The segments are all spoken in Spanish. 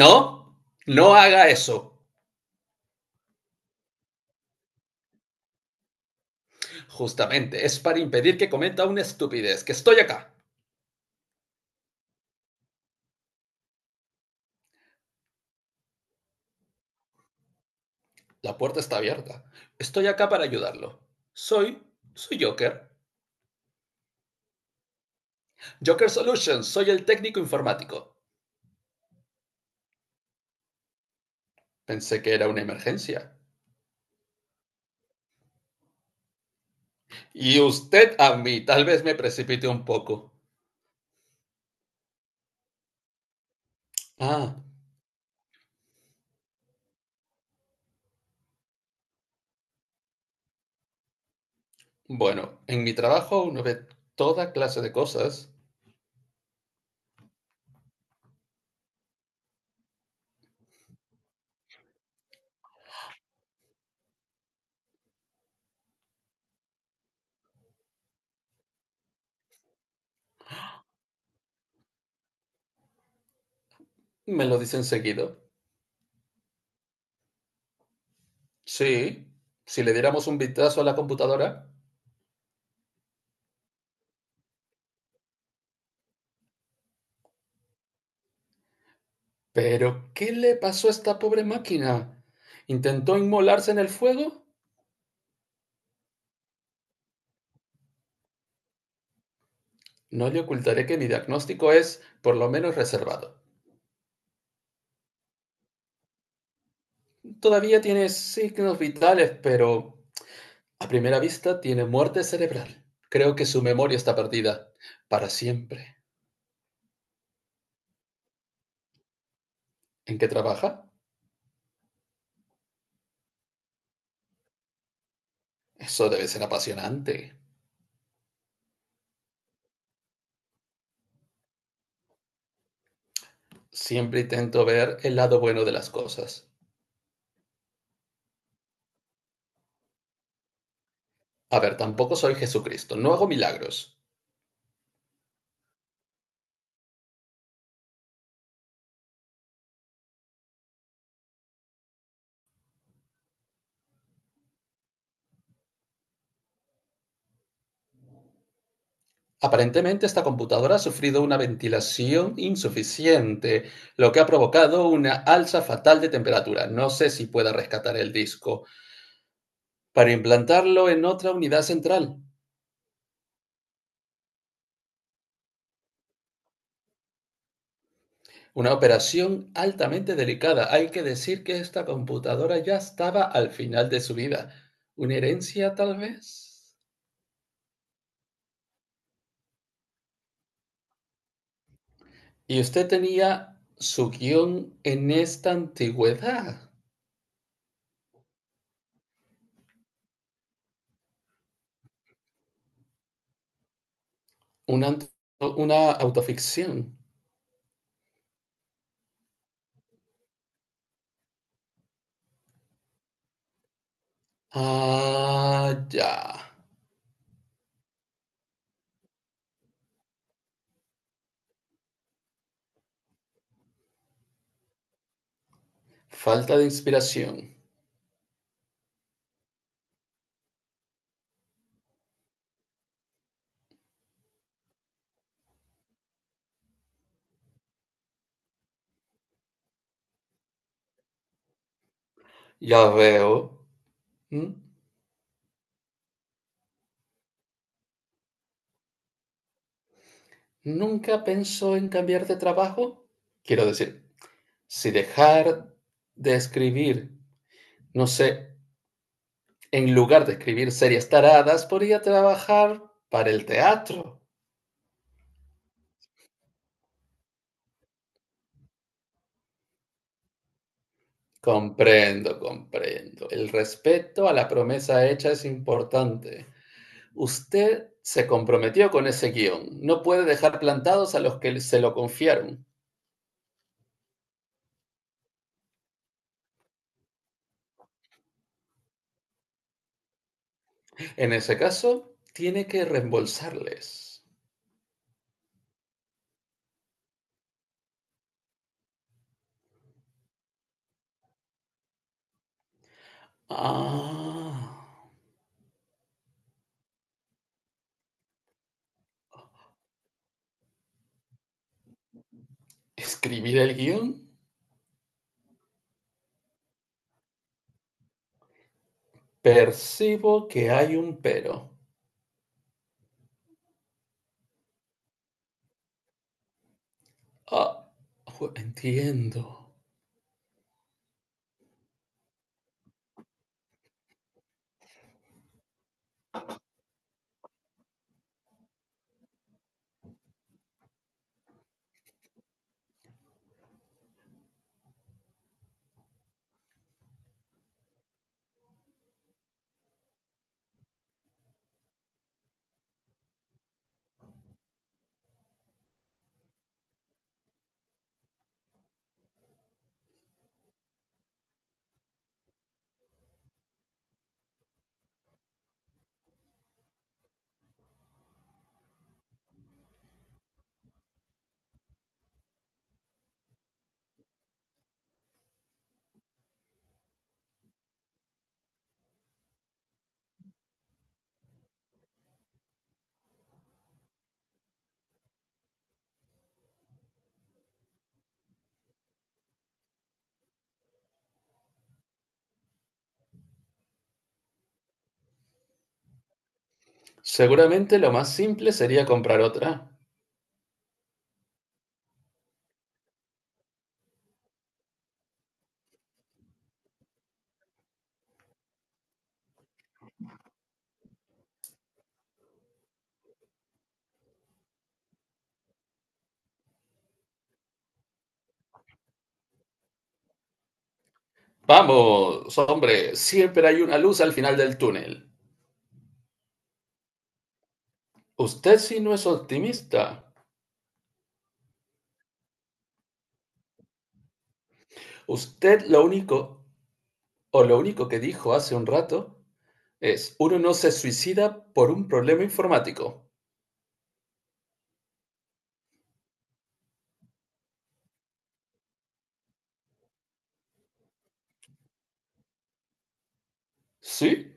No, no haga eso. Justamente, es para impedir que cometa una estupidez, que estoy acá. La puerta está abierta. Estoy acá para ayudarlo. Soy, soy Joker. Joker Solutions, soy el técnico informático. Pensé que era una emergencia. Y usted a mí, tal vez me precipite un poco. Ah, bueno, en mi trabajo uno ve toda clase de cosas. Me lo dicen seguido. Sí, si le diéramos un vistazo a la computadora. Pero, ¿qué le pasó a esta pobre máquina? ¿Intentó inmolarse en el fuego? No le ocultaré que mi diagnóstico es, por lo menos, reservado. Todavía tiene signos vitales, pero a primera vista tiene muerte cerebral. Creo que su memoria está perdida. Para siempre. ¿En qué trabaja? Eso debe ser apasionante. Siempre intento ver el lado bueno de las cosas. A ver, tampoco soy Jesucristo, no hago milagros. Aparentemente, esta computadora ha sufrido una ventilación insuficiente, lo que ha provocado una alza fatal de temperatura. No sé si pueda rescatar el disco para implantarlo en otra unidad central. Una operación altamente delicada. Hay que decir que esta computadora ya estaba al final de su vida. ¿Una herencia, tal vez? Y usted tenía su guión en esta antigüedad. Una, una autoficción. Ah, ya. Falta de inspiración. Ya veo. ¿Mm? ¿Nunca pensó en cambiar de trabajo? Quiero decir, si dejar de escribir, no sé, en lugar de escribir series taradas, podría trabajar para el teatro. Comprendo, comprendo. El respeto a la promesa hecha es importante. Usted se comprometió con ese guión. No puede dejar plantados a los que se lo confiaron. En ese caso, tiene que reembolsarles. Ah, escribir el guión. Percibo que hay un pero. Ah, entiendo. Seguramente lo más simple sería comprar otra. Vamos, hombre, siempre hay una luz al final del túnel. Usted sí no es optimista. Usted lo único, o lo único que dijo hace un rato, es, uno no se suicida por un problema informático. ¿Sí?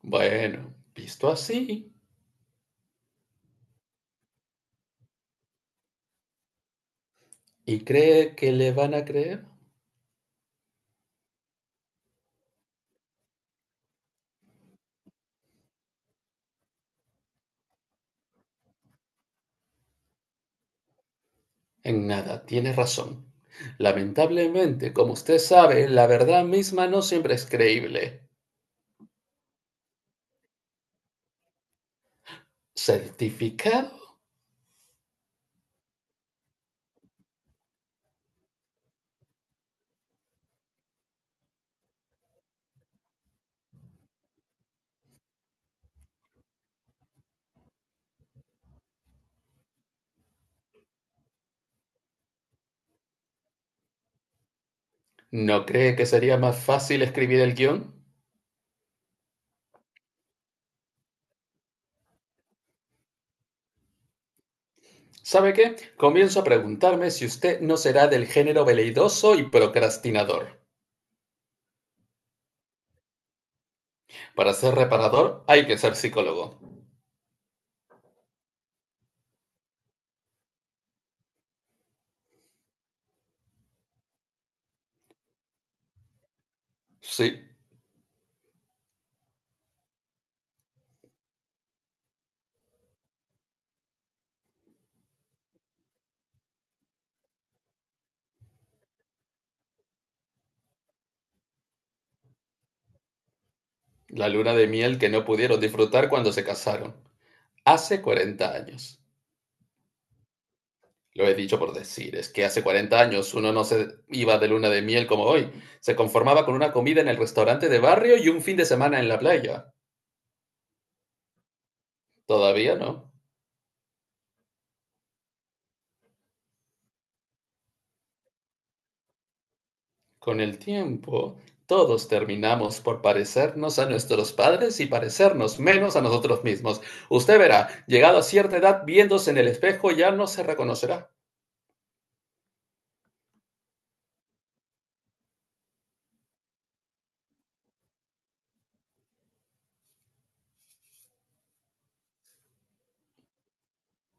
Bueno, visto así, ¿y cree que le van a creer? En nada, tiene razón. Lamentablemente, como usted sabe, la verdad misma no siempre es creíble. ¿Certificado? ¿No cree que sería más fácil escribir el guión? ¿Sabe qué? Comienzo a preguntarme si usted no será del género veleidoso y procrastinador. Para ser reparador hay que ser psicólogo. Sí, la luna de miel que no pudieron disfrutar cuando se casaron. Hace 40 años. Lo he dicho por decir, es que hace 40 años uno no se iba de luna de miel como hoy. Se conformaba con una comida en el restaurante de barrio y un fin de semana en la playa. Todavía no. Con el tiempo, todos terminamos por parecernos a nuestros padres y parecernos menos a nosotros mismos. Usted verá, llegado a cierta edad, viéndose en el espejo ya no se reconocerá.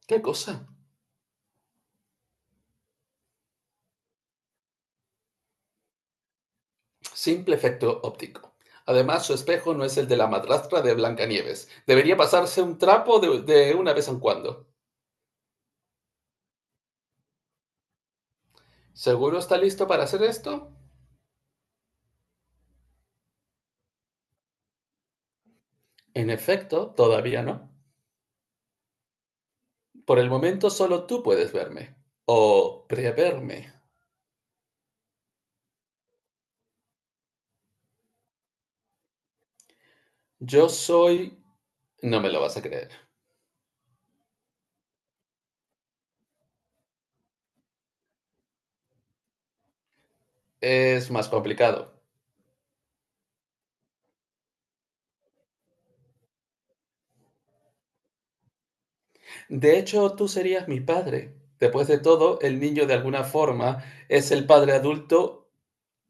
¿Qué cosa? Simple efecto óptico. Además, su espejo no es el de la madrastra de Blancanieves. Debería pasarse un trapo de una vez en cuando. ¿Seguro está listo para hacer esto? En efecto, todavía no. Por el momento solo tú puedes verme. O preverme. Yo soy... No me lo vas a creer. Es más complicado. De hecho, tú serías mi padre. Después de todo, el niño de alguna forma es el padre adulto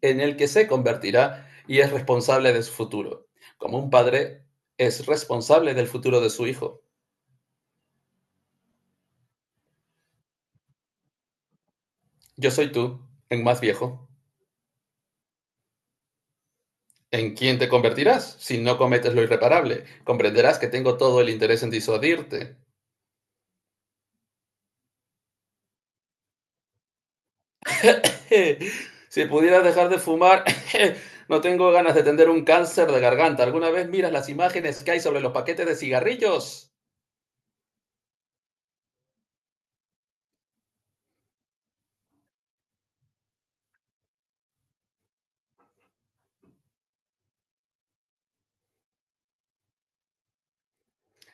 en el que se convertirá y es responsable de su futuro. Como un padre es responsable del futuro de su hijo. Yo soy tú, en más viejo. ¿En quién te convertirás si no cometes lo irreparable? Comprenderás que tengo todo el interés en disuadirte. Si pudieras dejar de fumar, no tengo ganas de tener un cáncer de garganta. ¿Alguna vez miras las imágenes que hay sobre los paquetes de cigarrillos?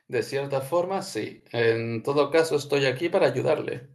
De cierta forma, sí. En todo caso, estoy aquí para ayudarle.